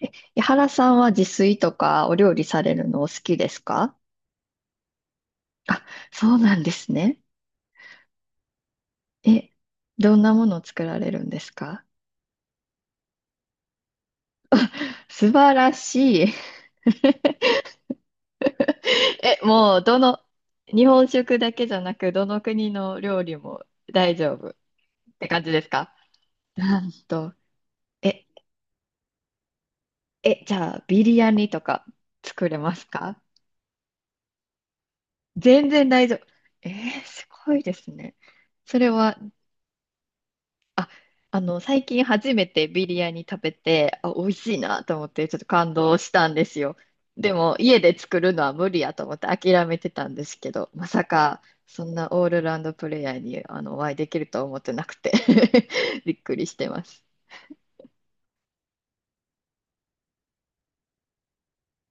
井原さんは自炊とかお料理されるのお好きですか？あ、そうなんですね。え、どんなものを作られるんですか？素晴らしい。もう、日本食だけじゃなく、どの国の料理も大丈夫って感じですか？なんと、え、じゃあ、ビリヤニとか作れますか？全然大丈夫。すごいですね。それは。あ、あ、最近初めてビリヤニ食べて、あ、美味しいなと思って、ちょっと感動したんですよ。でも、家で作るのは無理やと思って諦めてたんですけど、まさか、そんなオールラウンドプレイヤーにお会いできるとは思ってなくて びっくりしてます。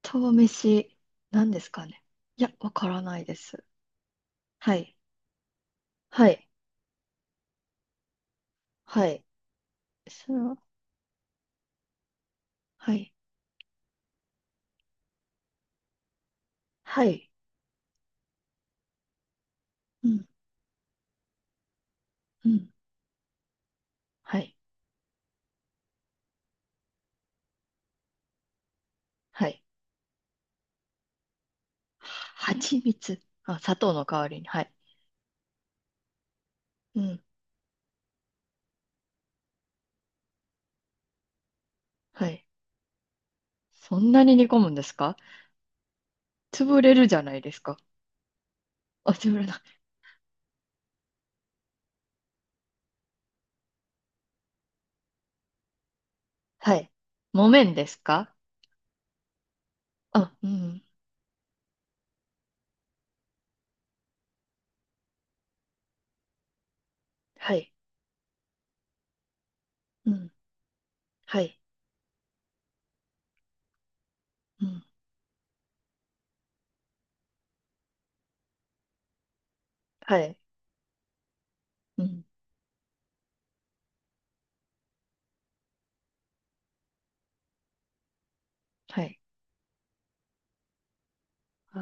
豆飯、何ですかね。いや、わからないです。はい。はい。はい。それは。はい。はい。うん。うん。はい。はい。蜂蜜。あ、砂糖の代わりに。はい。うん。はい。そんなに煮込むんですか？潰れるじゃないですか。あ、潰れない。はい。木綿ですか？あ、うん。はい。うん。はい。うん。はい。うん。はい。あ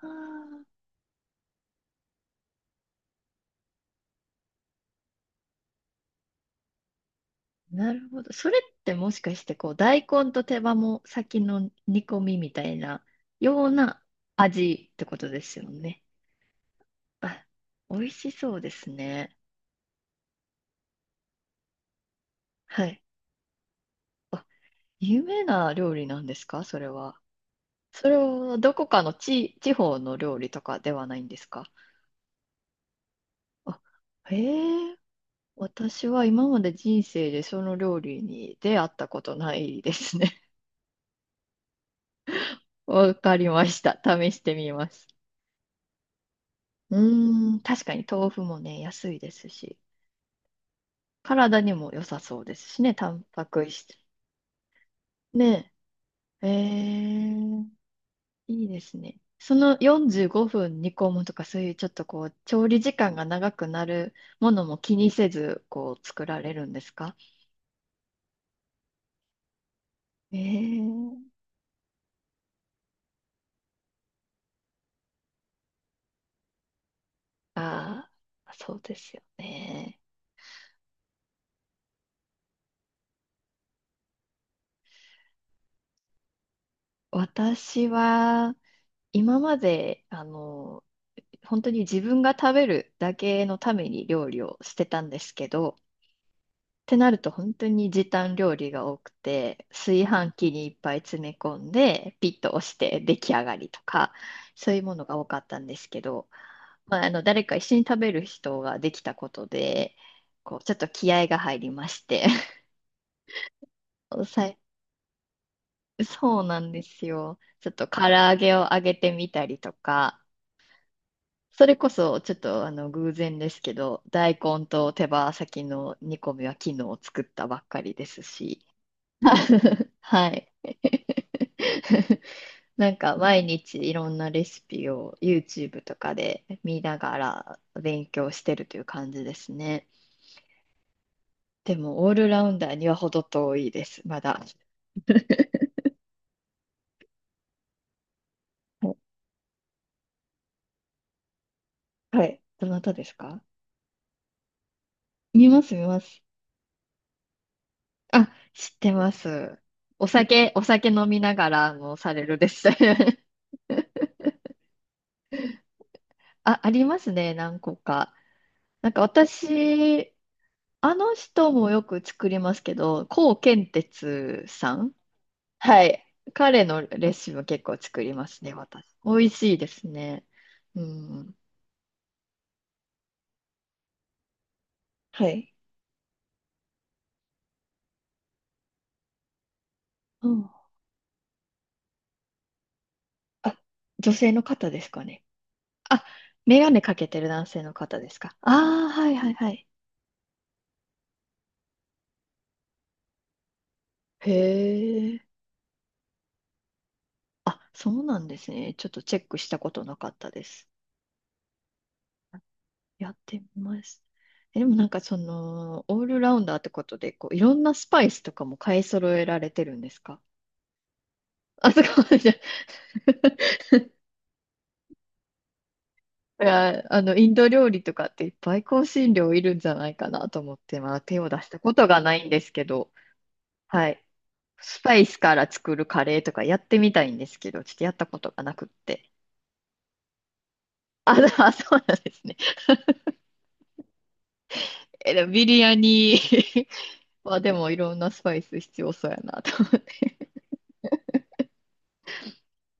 あ、なるほど。それってもしかして、こう、大根と手羽も先の煮込みみたいなような味ってことですよね。あ、美味しそうですね。はい。あ、有名な料理なんですか？それは。それはどこかの地方の料理とかではないんですか？あ、へえ。私は今まで人生でその料理に出会ったことないですね。わかりました。試してみます。うーん、確かに豆腐もね、安いですし、体にも良さそうですしね、タンパク質。ねえ。へえ。いいですね。その45分煮込むとか、そういうちょっとこう、調理時間が長くなるものも気にせず、こう、作られるんですか？ええ。ああー、そうですよね。私は、今まで、本当に自分が食べるだけのために料理をしてたんですけど、てなると本当に時短料理が多くて、炊飯器にいっぱい詰め込んで、ピッと押して出来上がりとか、そういうものが多かったんですけど、まあ、誰か一緒に食べる人ができたことで、こうちょっと気合が入りまして さいそうなんですよ。ちょっと唐揚げを揚げてみたりとか、それこそちょっと偶然ですけど、大根と手羽先の煮込みは昨日作ったばっかりですし。はい。なんか毎日いろんなレシピを YouTube とかで見ながら勉強してるという感じですね。でもオールラウンダーには程遠いです、まだ。はい。はい、どなたですか？見ます、見ます。あ、知ってます。お酒、お酒飲みながらもされるです。あ、ありますね、何個か。なんか私、あの人もよく作りますけど、コウケンテツさん。はい。彼のレシピも結構作りますね、私。美味しいですね。うん。はい。うん。あ、女性の方ですかね。あ、メガネかけてる男性の方ですか？ああ、はい、はい、はい。へえ。あ、そうなんですね。ちょっとチェックしたことなかったです。やってみます。でもなんかその、オールラウンダーってことで、こう、いろんなスパイスとかも買い揃えられてるんですか？あ、そこまでじゃ。いや、インド料理とかっていっぱい香辛料いるんじゃないかなと思って、まだ手を出したことがないんですけど、はい。スパイスから作るカレーとかやってみたいんですけど、ちょっとやったことがなくって。あ、でも、あ そうなんですね。でもビリヤニ はでもいろんなスパイス必要そうやなと思って。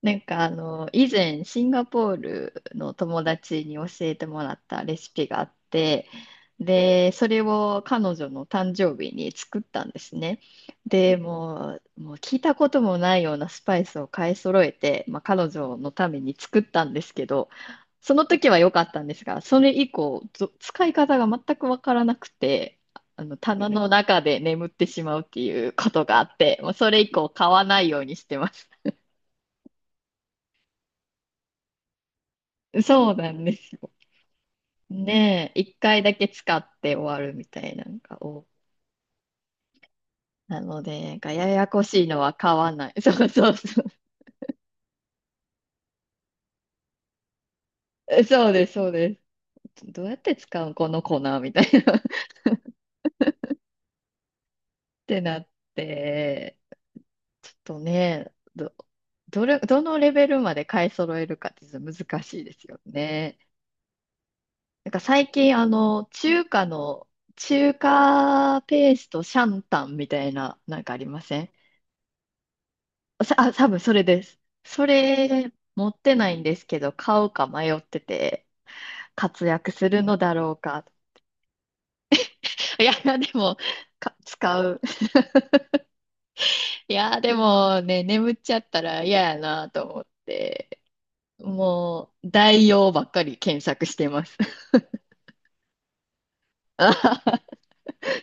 なんか以前シンガポールの友達に教えてもらったレシピがあって、で、それを彼女の誕生日に作ったんですね。で、もう聞いたこともないようなスパイスを買い揃えて、まあ、彼女のために作ったんですけど、その時は良かったんですが、それ以降、使い方が全くわからなくて、棚の中で眠ってしまうっていうことがあって、もうそれ以降買わないようにしてます。そうなんです。ねえ、一回だけ使って終わるみたいなのが多い。なので、なんかややこしいのは買わない。そうそうそう。そうです、そうです。どうやって使うこの粉みたいな ってなって、ちょっとね、どのレベルまで買い揃えるかってちょっと難しいですよね。なんか最近、中華ペーストシャンタンみたいな、なんかありません？あ、多分それです。それ持ってないんですけど、買うか迷ってて、活躍するのだろうか。いや、でも、使う。いや、でもね、眠っちゃったら嫌やなと思って、もう、代用ばっかり検索してます。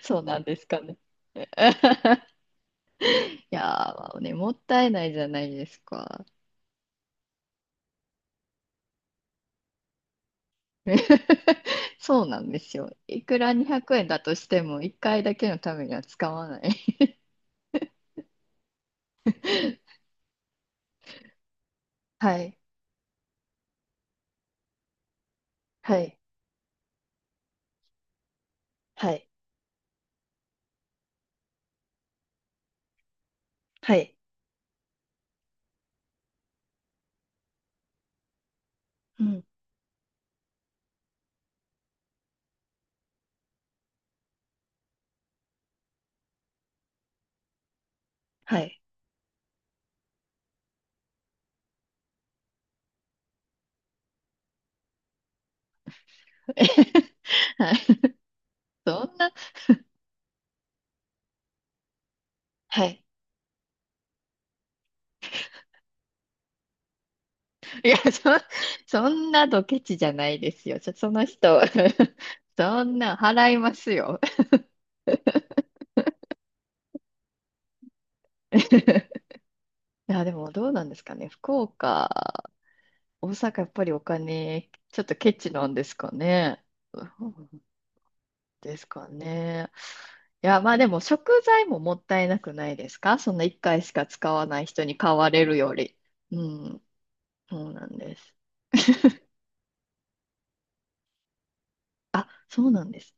そうなんですかね。いやー、まあね、もったいないじゃないですか。そうなんですよ。いくら200円だとしても、1回だけのためには使わない。はい。はい。はい。はい。うん。はい。はい。そんな、はい。いや、そんなドケチじゃないですよ。その人、そんな払いますよ。いや、でもどうなんですかね。福岡、大阪、やっぱりお金、ちょっとケチなんですかね。うん。ですかね。いや、まあでも食材ももったいなくないですか？そんな1回しか使わない人に買われるより。うん。そうなんです。そうなんです。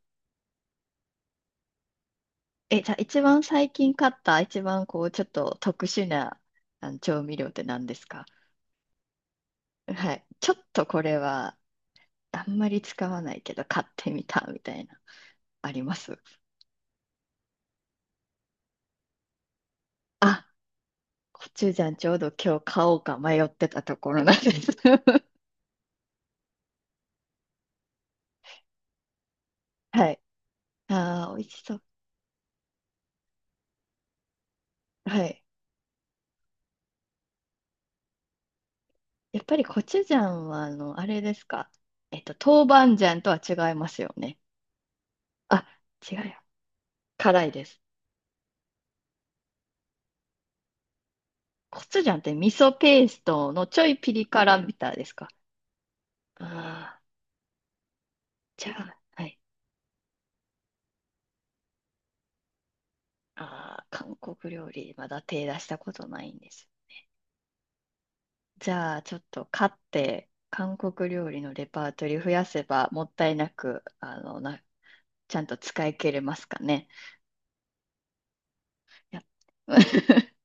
じゃあ一番最近買った一番こうちょっと特殊なあの調味料って何ですか？はい。ちょっとこれはあんまり使わないけど買ってみたみたいな、あります？あ、コチュジャンちょうど今日買おうか迷ってたところなんです。はい。ああ、美味しそう。はい。やっぱりコチュジャンはあれですか？えっと、豆板醤とは違いますよね。あ、違うよ。辛いです。コチュジャンって味噌ペーストのちょいピリ辛みたいですか？ああー、じゃあ、はい。ああ、韓国料理、まだ手出したことないんです。じゃあ、ちょっと買って、韓国料理のレパートリー増やせば、もったいなく、ちゃんと使い切れますかね。や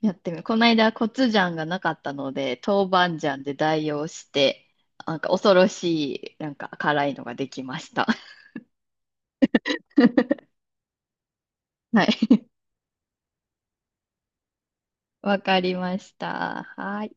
やってみこの間、コチュジャンがなかったので、豆板醤で代用して、なんか恐ろしい、なんか辛いのができました。はい。わかりました。はい。